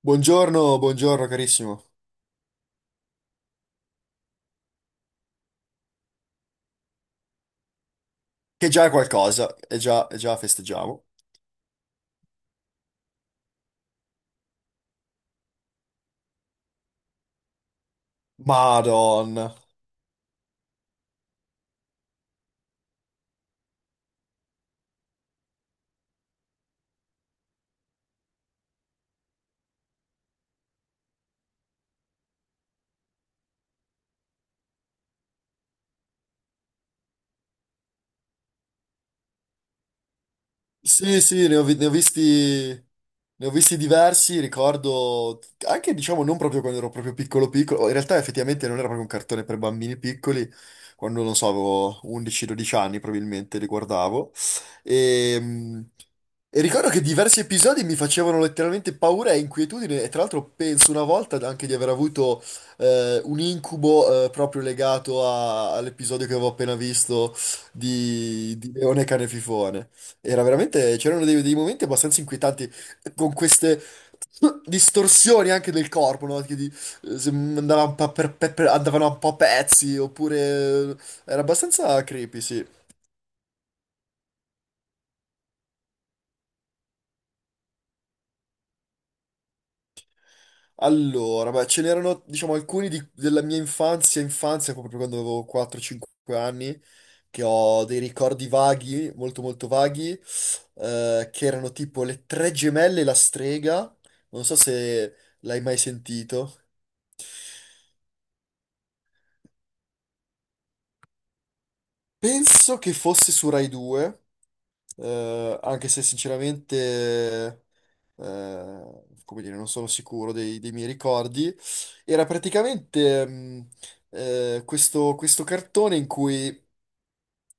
Buongiorno, buongiorno carissimo. Che già è qualcosa, e già festeggiamo. Madonna. Sì, sì, ne ho visti diversi, ricordo anche, diciamo, non proprio quando ero proprio piccolo piccolo, in realtà effettivamente non era proprio un cartone per bambini piccoli, quando, non so, avevo 11-12 anni probabilmente li guardavo, e, mm, e ricordo che diversi episodi mi facevano letteralmente paura e inquietudine, e tra l'altro penso una volta anche di aver avuto un incubo proprio legato all'episodio che avevo appena visto di Leone Cane e Fifone. Era veramente, c'erano dei, dei momenti abbastanza inquietanti con queste distorsioni anche del corpo, no? Se andava un po' andavano un po' a pezzi, oppure eh, era abbastanza creepy, sì. Allora, beh, ce n'erano, diciamo, della mia infanzia, infanzia, proprio quando avevo 4-5 anni, che ho dei ricordi vaghi, molto molto vaghi, che erano tipo le tre gemelle e la strega, non so se l'hai mai sentito. Penso che fosse su Rai 2, anche se sinceramente, come dire, non sono sicuro dei, dei miei ricordi. Era praticamente, mh, Questo, questo cartone in cui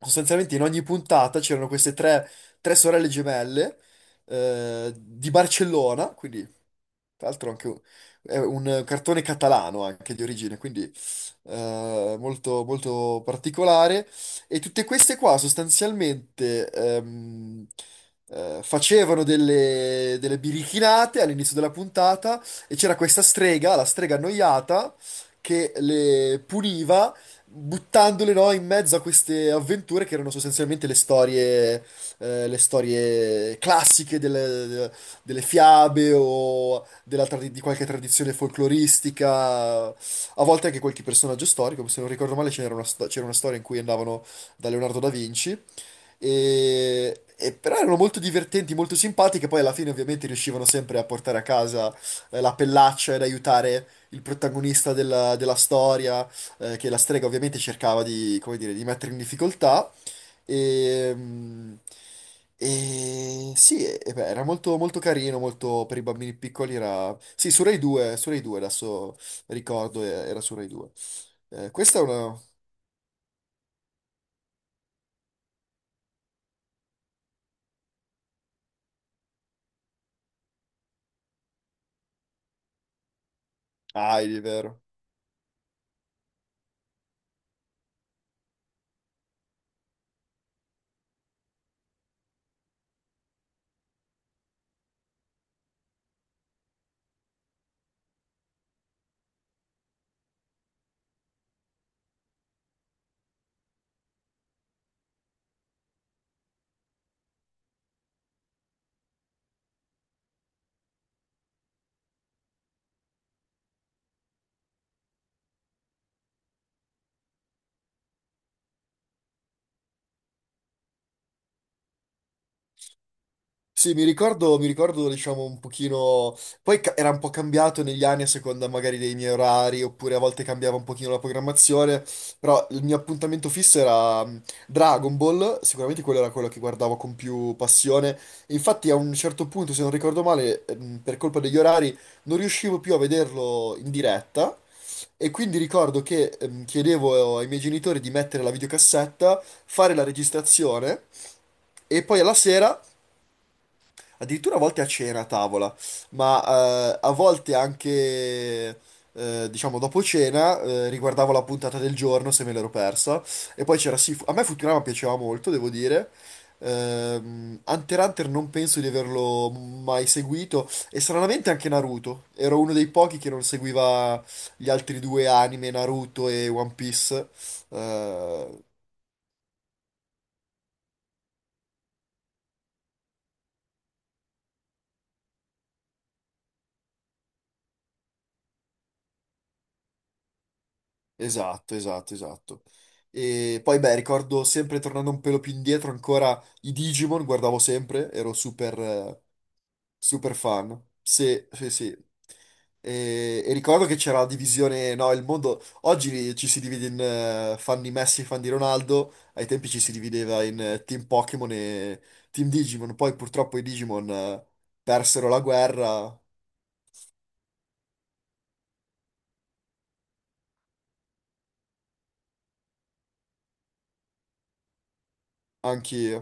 sostanzialmente in ogni puntata c'erano queste tre, tre sorelle gemelle, di Barcellona, quindi tra l'altro anche un- è un cartone catalano anche di origine, quindi molto, molto particolare. E tutte queste qua sostanzialmente facevano delle, delle birichinate all'inizio della puntata e c'era questa strega, la strega annoiata, che le puniva buttandole, no, in mezzo a queste avventure che erano sostanzialmente le storie classiche delle, delle fiabe o della di qualche tradizione folcloristica, a volte anche qualche personaggio storico. Se non ricordo male c'era una, c'era una storia in cui andavano da Leonardo da Vinci, e però erano molto divertenti, molto simpatiche. Poi alla fine ovviamente riuscivano sempre a portare a casa la pellaccia ed aiutare il protagonista della, della storia, che la strega ovviamente cercava di, come dire, di mettere in difficoltà. E, mm, Era molto, molto carino, molto per i bambini piccoli era... Sì, su Rai 2, su Rai 2 adesso ricordo, era su Rai 2. Questa è una... Ah, è vero. Sì, mi ricordo, diciamo, un pochino... Era un po' cambiato negli anni a seconda magari dei miei orari, oppure a volte cambiava un pochino la programmazione, però il mio appuntamento fisso era Dragon Ball, sicuramente quello era quello che guardavo con più passione. E infatti a un certo punto, se non ricordo male, per colpa degli orari, non riuscivo più a vederlo in diretta, e quindi ricordo che chiedevo ai miei genitori di mettere la videocassetta, fare la registrazione... E poi alla sera addirittura a volte a cena a tavola, ma eh, a volte anche, diciamo, dopo cena, riguardavo la puntata del giorno se me l'ero persa. E poi c'era, sì, a me Futurama piaceva molto, devo dire. Hunter x Hunter non penso di averlo mai seguito e stranamente anche Naruto. Ero uno dei pochi che non seguiva gli altri due anime, Naruto e One Piece. Eh, Esatto, esatto, esatto. E poi, beh, ricordo sempre tornando un pelo più indietro ancora i Digimon, guardavo sempre, ero super, super fan. Sì, sì, sì. E ricordo che c'era la divisione, no, il mondo... Oggi ci si divide in fan di Messi e fan di Ronaldo, ai tempi ci si divideva in Team Pokémon e Team Digimon, poi purtroppo i Digimon persero la guerra, anch'io.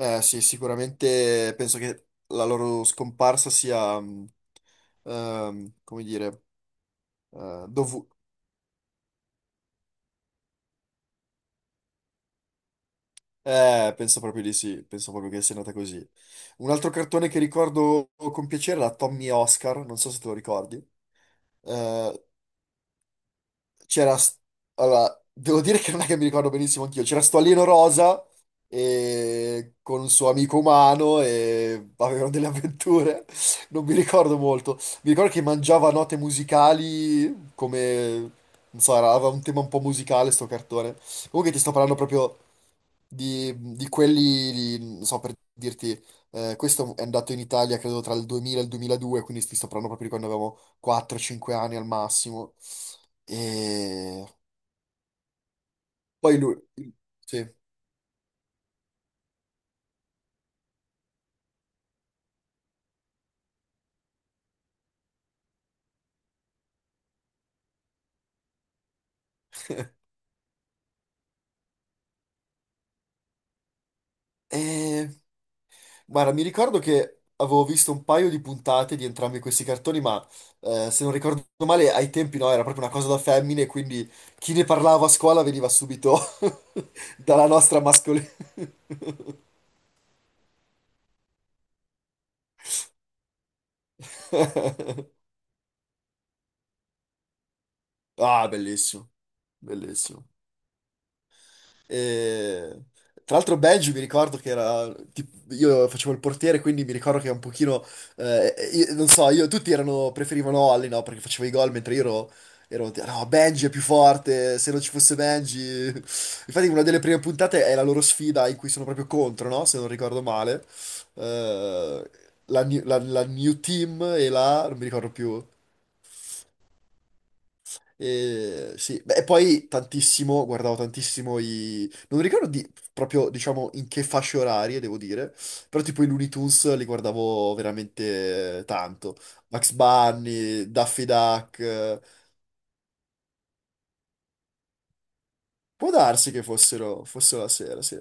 Eh, sì, sicuramente penso che la loro scomparsa sia, come dire, eh, dovu- penso proprio di sì, penso proprio che sia nata così. Un altro cartone che ricordo con piacere era Tommy e Oscar, non so se te lo ricordi. Eh, c'era... st- Allora, devo dire che non è che mi ricordo benissimo anch'io. C'era sto alieno rosa e... con un suo amico umano e avevano delle avventure. Non mi ricordo molto. Mi ricordo che mangiava note musicali come... Non so, aveva un tema un po' musicale sto cartone. Comunque ti sto parlando proprio di quelli, non so per dirti, questo è andato in Italia credo tra il 2000 e il 2002, quindi ti sto parlando proprio di quando avevamo 4-5 anni al massimo. E poi lui, sì. E... Guarda, mi ricordo che avevo visto un paio di puntate di entrambi questi cartoni, ma se non ricordo male, ai tempi no, era proprio una cosa da femmine, quindi chi ne parlava a scuola veniva subito dalla nostra mascolina. Ah, bellissimo, bellissimo. E- Tra l'altro Belgi mi ricordo che era, tipo, io facevo il portiere, quindi mi ricordo che un pochino, non so, io, tutti erano, preferivano Olli, no, perché facevo i gol, mentre io ero, ero, no, Benji è più forte, se non ci fosse Benji... Infatti una delle prime puntate è la loro sfida in cui sono proprio contro, no, se non ricordo male, Eh, la New Team e la, non mi ricordo più, e, sì, beh, e poi tantissimo, guardavo tantissimo i... Non ricordo di- proprio, diciamo, in che fasce orarie, devo dire, però tipo i Looney Tunes li guardavo veramente tanto. Max Bunny, Daffy Duck, può darsi che fossero, fossero la sera, sì.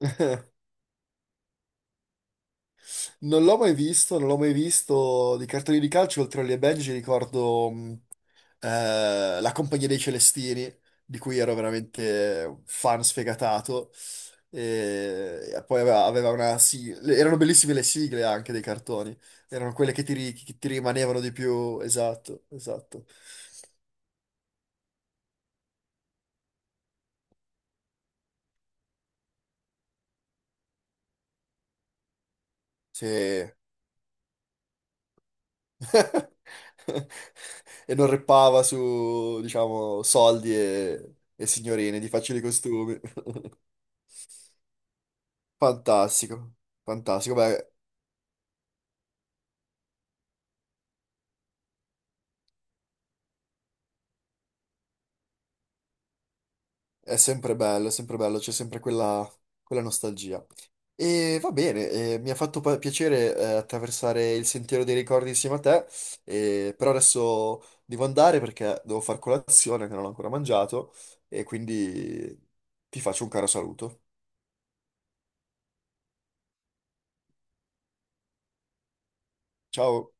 Non l'ho mai visto, non l'ho mai visto di cartoni di calcio, oltre alle Benji ricordo... La Compagnia dei Celestini, di cui ero veramente un fan sfegatato. E poi aveva, aveva una sigla. Erano bellissime le sigle anche dei cartoni. Erano quelle che che ti rimanevano di più. Esatto, esatto. Sì. E non reppava su, diciamo, soldi e signorine di facili costumi. Fantastico, fantastico. Beh, è sempre bello, c'è sempre quella, quella nostalgia. E va bene, mi ha fatto piacere attraversare il sentiero dei ricordi insieme a te, però adesso devo andare perché devo far colazione che non ho ancora mangiato e quindi ti faccio un caro saluto. Ciao!